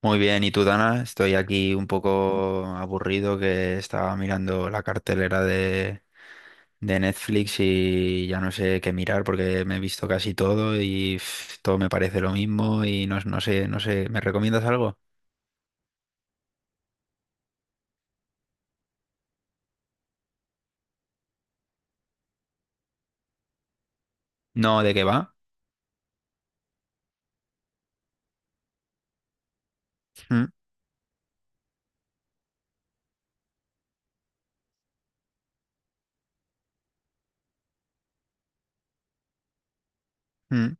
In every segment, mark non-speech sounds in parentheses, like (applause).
Muy bien, ¿y tú, Dana? Estoy aquí un poco aburrido que estaba mirando la cartelera de Netflix y ya no sé qué mirar porque me he visto casi todo y pf, todo me parece lo mismo y no, no sé, ¿me recomiendas algo? No, ¿de qué va? Mm. Mm.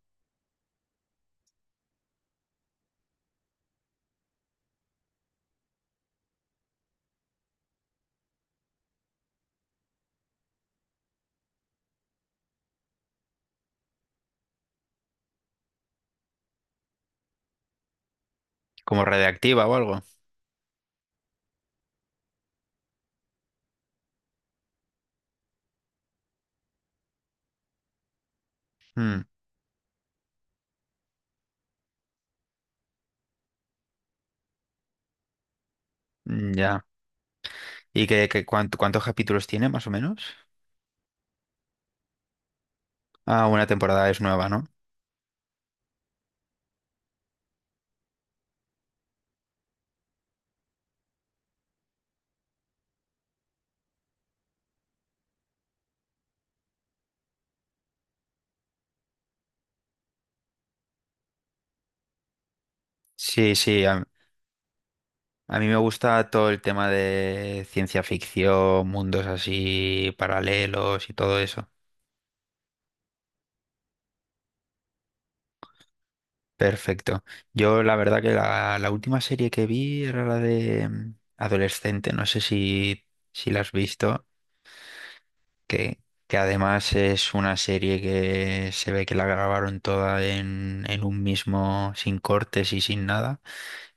¿Como radiactiva o algo? Mm. Mm, ya. ¿Y qué, cuántos capítulos tiene más o menos? Ah, una temporada es nueva, ¿no? Sí, sí, a mí me gusta todo el tema de ciencia ficción, mundos así paralelos y todo eso. Perfecto. Yo la verdad que la última serie que vi era la de Adolescente, no sé si la has visto, que, que además es una serie que se ve que la grabaron toda en un mismo, sin cortes y sin nada.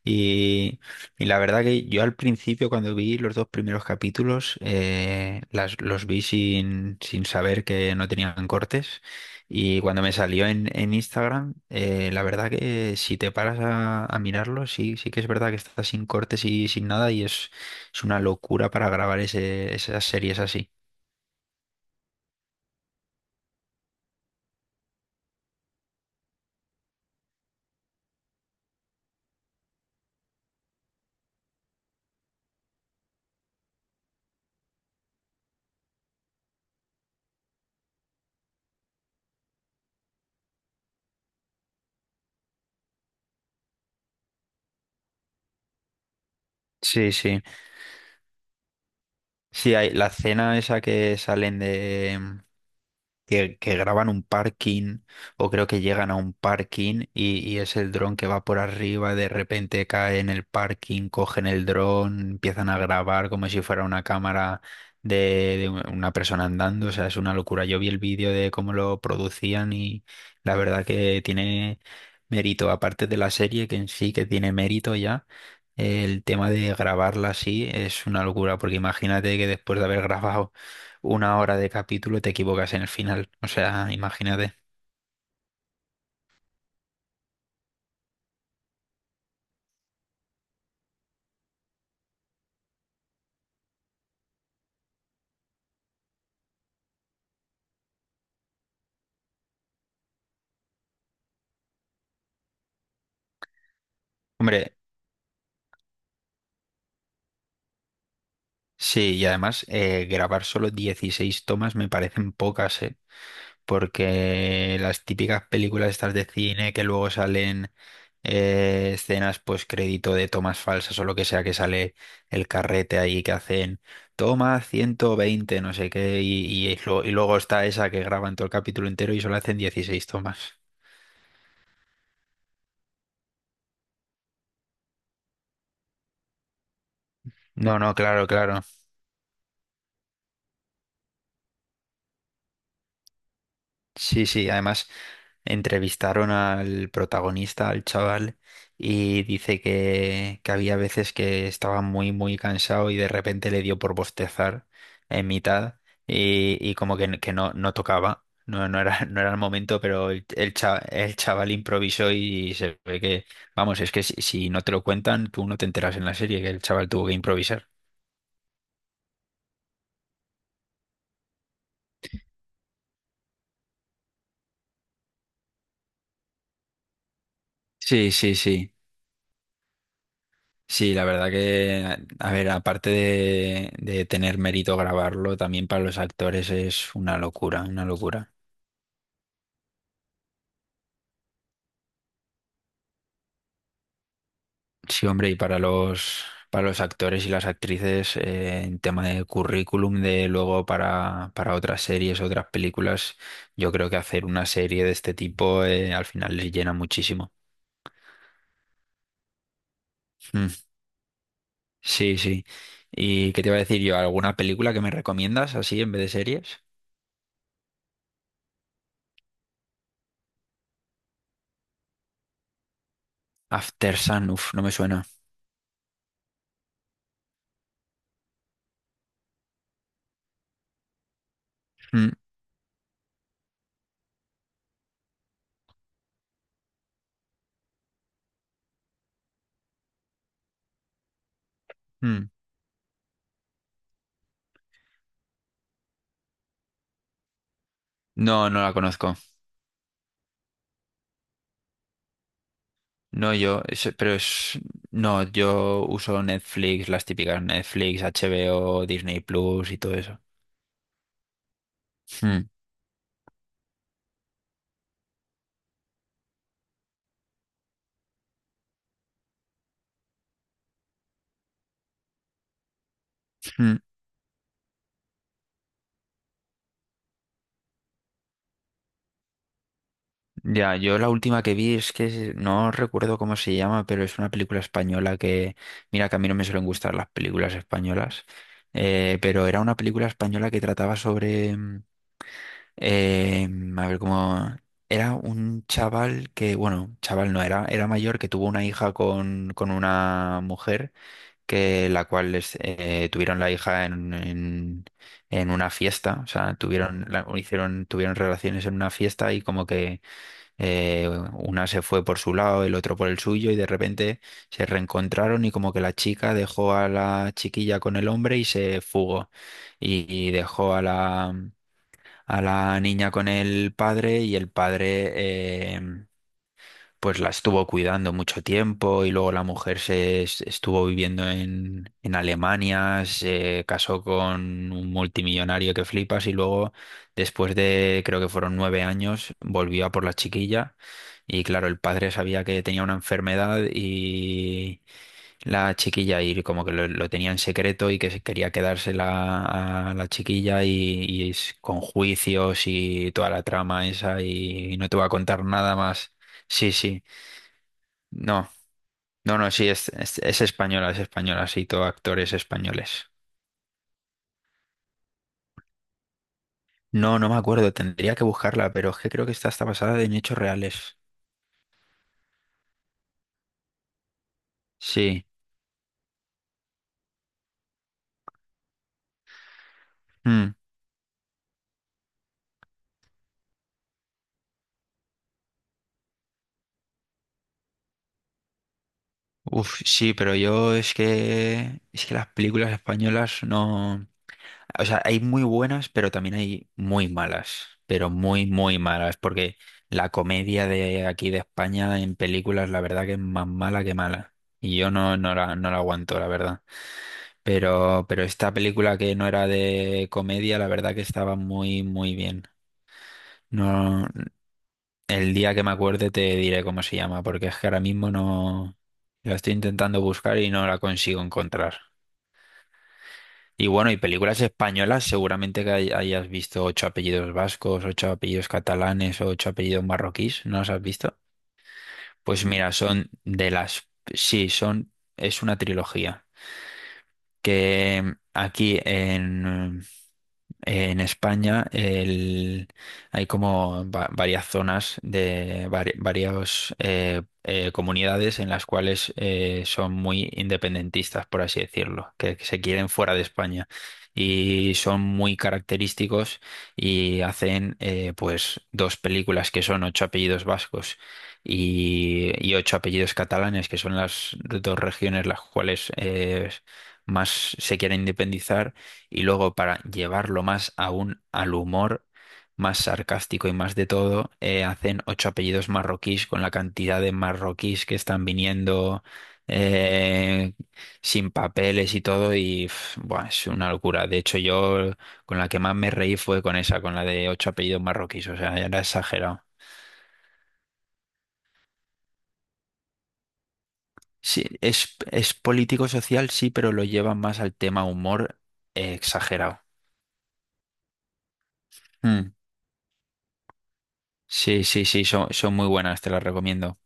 Y, y la verdad que yo al principio cuando vi los dos primeros capítulos las, los vi sin saber que no tenían cortes y cuando me salió en Instagram, la verdad que si te paras a mirarlo sí, sí que es verdad que está sin cortes y sin nada y es una locura para grabar ese, esas series así. Sí, sí. Sí, hay, la escena esa que salen que graban un parking o creo que llegan a un parking y es el dron que va por arriba, de repente cae en el parking, cogen el dron, empiezan a grabar como si fuera una cámara de, de una persona andando, o sea, es una locura. Yo vi el vídeo de cómo lo producían y la verdad que tiene mérito, aparte de la serie que en sí que tiene mérito ya. El tema de grabarla así es una locura, porque imagínate que después de haber grabado una hora de capítulo y te equivocas en el final. O sea, imagínate. Hombre, sí, y además grabar solo 16 tomas me parecen pocas, ¿eh? Porque las típicas películas estas de cine que luego salen escenas pues crédito de tomas falsas o lo que sea que sale el carrete ahí que hacen toma 120 no sé qué, y y luego está esa que graban todo el capítulo entero y solo hacen 16 tomas. No, no, claro, claro. Sí, sí, además entrevistaron al protagonista, al chaval, y dice que había veces que estaba muy, muy cansado y de repente le dio por bostezar en mitad y como que no, no tocaba, no, no era, (laughs) no era el momento, pero el chaval improvisó y se ve que, vamos, es que si, si no te lo cuentan, tú no te enteras en la serie que el chaval tuvo que improvisar. Sí, sí, sí. Sí, la verdad que, a ver, aparte de tener mérito grabarlo, también para los actores es una locura, una locura. Sí, hombre, y para para los actores y las actrices, en tema de currículum, de luego para otras series, otras películas, yo creo que hacer una serie de este tipo, al final les llena muchísimo. Mm, sí, sí. ¿Y qué te iba a decir yo? ¿Alguna película que me recomiendas así en vez de series? After Sun, uf, no me suena. Mm. Mm. No, no la conozco. No, yo, es- pero es, no, yo uso Netflix, las típicas Netflix, HBO, Disney Plus y todo eso. Mm. Mm. Ya, yo la última que vi es que no recuerdo cómo se llama, pero es una película española que, mira que a mí no me suelen gustar las películas españolas, pero era una película española que trataba sobre, eh, a ver cómo, era un chaval que, bueno, chaval no era, era mayor que tuvo una hija con una mujer que la cual tuvieron la hija en una fiesta, o sea, tuvieron, o hicieron, tuvieron relaciones en una fiesta y como que una se fue por su lado, el otro por el suyo y de repente se reencontraron y como que la chica dejó a la chiquilla con el hombre y se fugó y dejó a la niña con el padre y el padre... pues la estuvo cuidando mucho tiempo y luego la mujer estuvo viviendo en Alemania, se casó con un multimillonario que flipas y luego después de creo que fueron 9 años volvió a por la chiquilla y claro, el padre sabía que tenía una enfermedad y la chiquilla y como que lo tenía en secreto y que se quería quedársela a la chiquilla y es con juicios y toda la trama esa y no te voy a contar nada más. Sí, sí. No, no, no, sí, es española, sí, todo actores españoles. No, no me acuerdo, tendría que buscarla, pero es que creo que está hasta basada en hechos reales. Sí. Mm. Uf, sí, pero yo es que las películas españolas no, o sea, hay muy buenas, pero también hay muy malas, pero muy muy malas, porque la comedia de aquí de España en películas, la verdad que es más mala que mala, y yo no no la no la aguanto, la verdad. Pero esta película que no era de comedia, la verdad que estaba muy, muy bien. No, el día que me acuerde te diré cómo se llama, porque es que ahora mismo no la estoy intentando buscar y no la consigo encontrar. Y bueno, y películas españolas, seguramente que hayas visto ocho apellidos vascos, ocho apellidos catalanes, ocho apellidos marroquíes, ¿no las has visto? Pues mira, son de las, sí, son, es una trilogía que aquí en en España hay como varias zonas de varias comunidades en las cuales son muy independentistas, por así decirlo, que se quieren fuera de España y son muy característicos y hacen pues dos películas que son ocho apellidos vascos y ocho apellidos catalanes, que son las dos regiones las cuales más se quieren independizar y luego para llevarlo más aún al humor, más sarcástico y más de todo, hacen ocho apellidos marroquíes con la cantidad de marroquíes que están viniendo eh, sin papeles y todo. Y pf, buah, es una locura. De hecho, yo con la que más me reí fue con esa, con la de ocho apellidos marroquíes. O sea, era exagerado. Sí, es político-social, sí, pero lo llevan más al tema humor, exagerado. Mm. Sí, sí, sí, son, son muy buenas, te las recomiendo.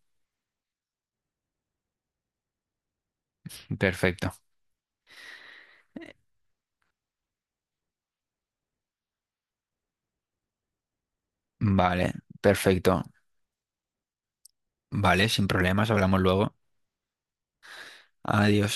Perfecto. Vale, perfecto. Vale, sin problemas, hablamos luego. Adiós.